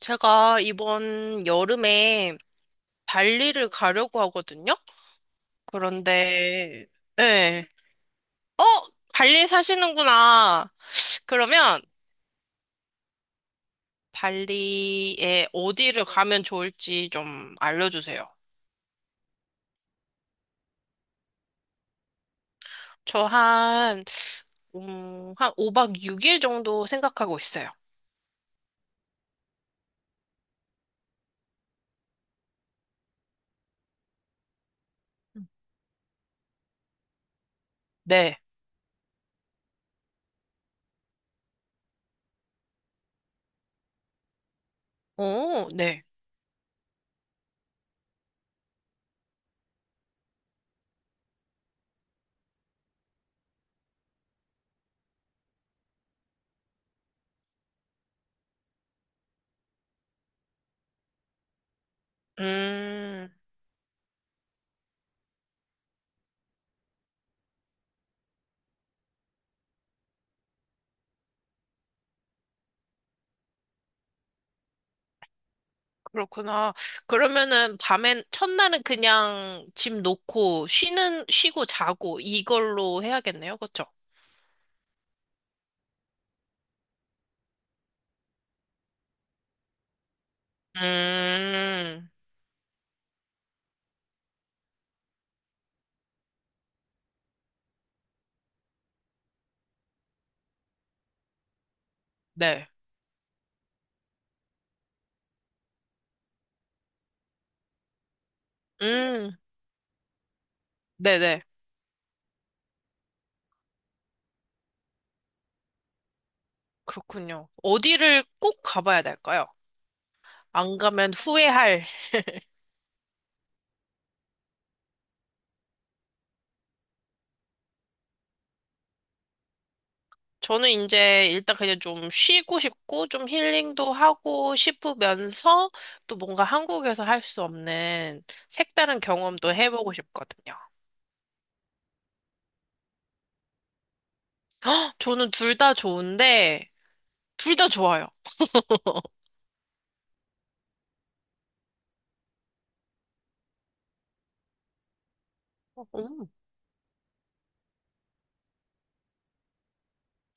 제가 이번 여름에 발리를 가려고 하거든요? 그런데, 네. 어? 발리 사시는구나. 그러면 발리에 어디를 가면 좋을지 좀 알려주세요. 저 한, 한 5박 6일 정도 생각하고 있어요. 네. 오, 네. 음. 그렇구나. 그러면은 밤엔, 첫날은 그냥 짐 놓고 쉬고 자고 이걸로 해야겠네요. 그쵸? 음, 네. 음, 네네. 그렇군요. 어디를 꼭 가봐야 될까요? 안 가면 후회할. 저는 이제 일단 그냥 좀 쉬고 싶고, 좀 힐링도 하고 싶으면서 또 뭔가 한국에서 할 수 없는 색다른 경험도 해보고 싶거든요. 헉, 저는 둘 다 좋은데, 둘 다 좋아요. 음,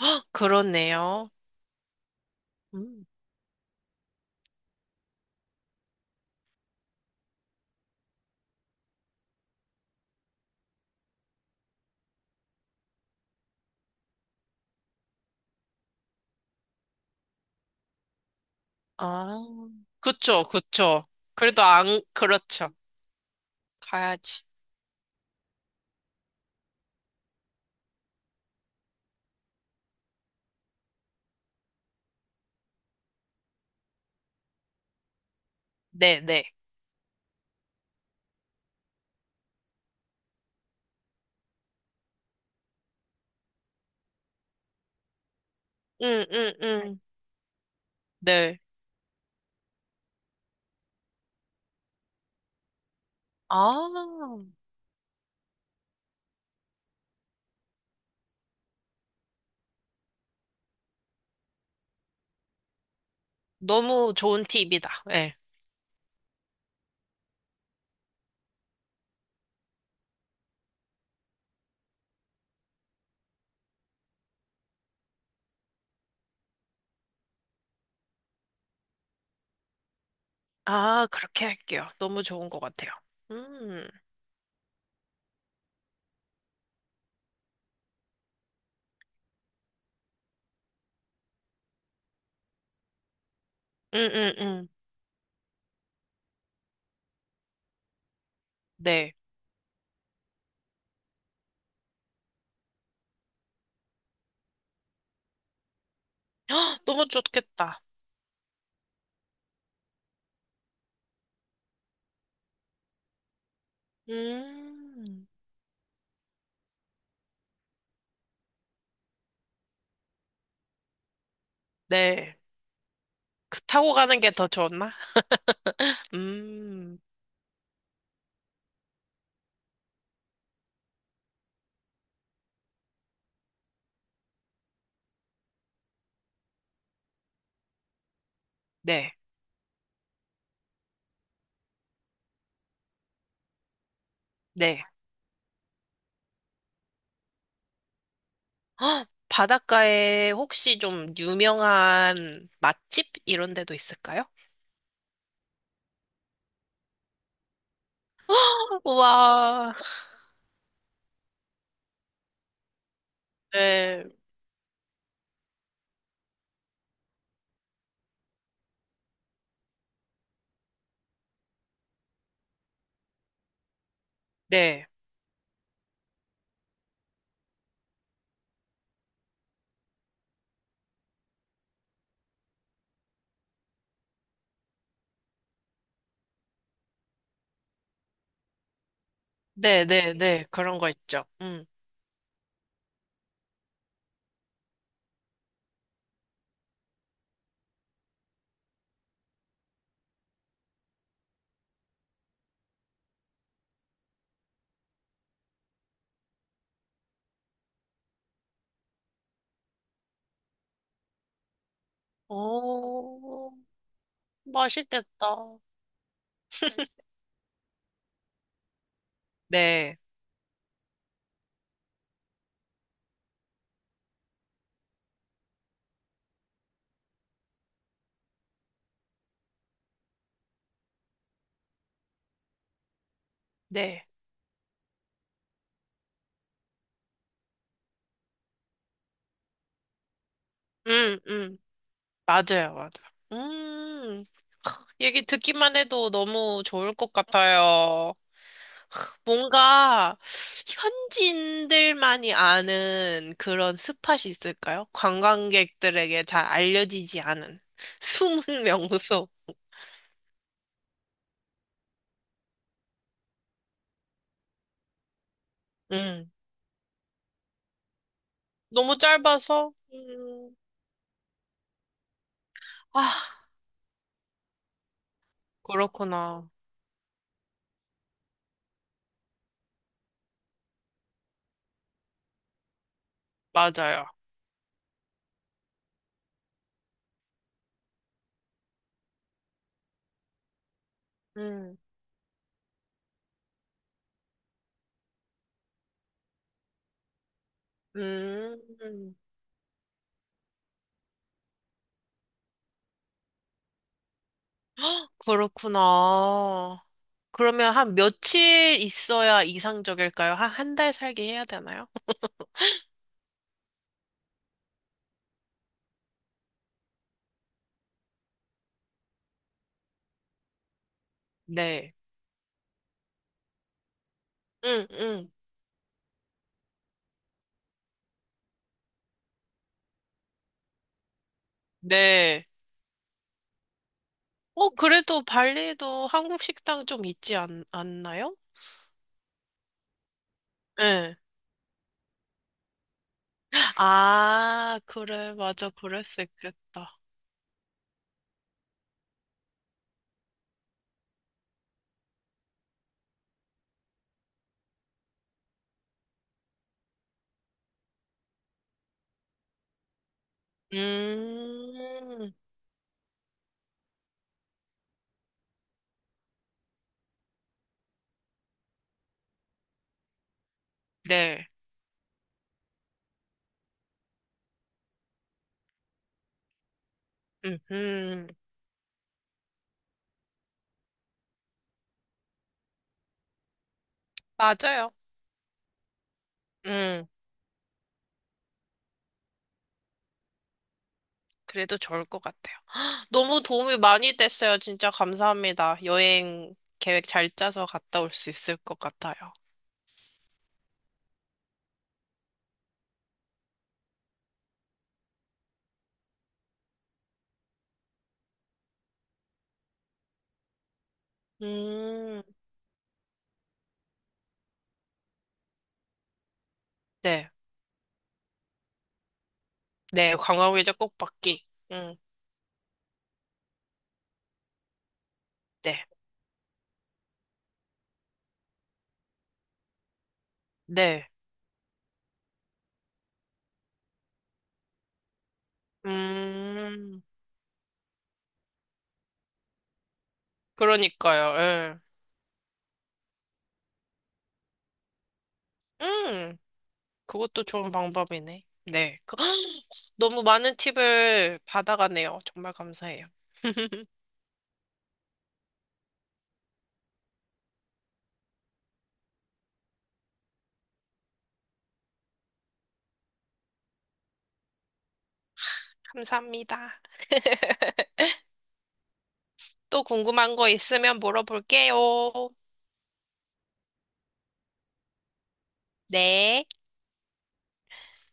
헉, 그렇네요. 음. 아, 그쵸, 그쵸. 그래도 안, 그렇죠. 가야지. 네, 네. 응, 응, 응. 네. 아, 너무 좋은 팁이다. 네. 아, 그렇게 할게요. 너무 좋은 것 같아요. 음, 응, 응, 응. 네. 헉, 너무 좋겠다. 음, 네. 그 타고 가는 게 더 좋나? 음, 네, 네. 헉, 바닷가에 혹시 좀 유명한 맛집 이런 데도 있을까요? 우와. 네, 네, 네, 네, 네. 그런 거 있죠. 음. 오, 맛있겠다. 네, 네. 음, 음. 맞아요, 맞아요. 음. 얘기 듣기만 해도 너무 좋을 것 같아요. 뭔가 현지인들만이 아는 그런 스팟이 있을까요? 관광객들에게 잘 알려지지 않은 숨은 명소. 음. 너무 짧아서? 음. 아, 그렇구나. 맞아요. 음. 음. 그렇구나. 그러면 한 며칠 있어야 이상적일까요? 한 달 살기 해야 되나요? 네. 응, 응. 네. 어, 그래도 발리에도 한국 식당 좀 않나요? 예. 아, 그래, 맞아, 그럴 수 있겠다. 음, 네. 음, 음, 맞아요. 음, 그래도 좋을 것 같아요. 헉, 너무 도움이 많이 됐어요. 진짜 감사합니다. 여행 계획 잘 짜서 갔다 올 수 있을 것 같아요. 음, 네. 네, 관광비자 꼭 받기. 음, 네. 네. 음, 그러니까요. 예. 음, 그것도 좋은 방법이네. 네. 그- 너무 많은 팁을 받아가네요. 정말 감사해요. 감사합니다. 또 궁금한 거 있으면 물어볼게요. 네.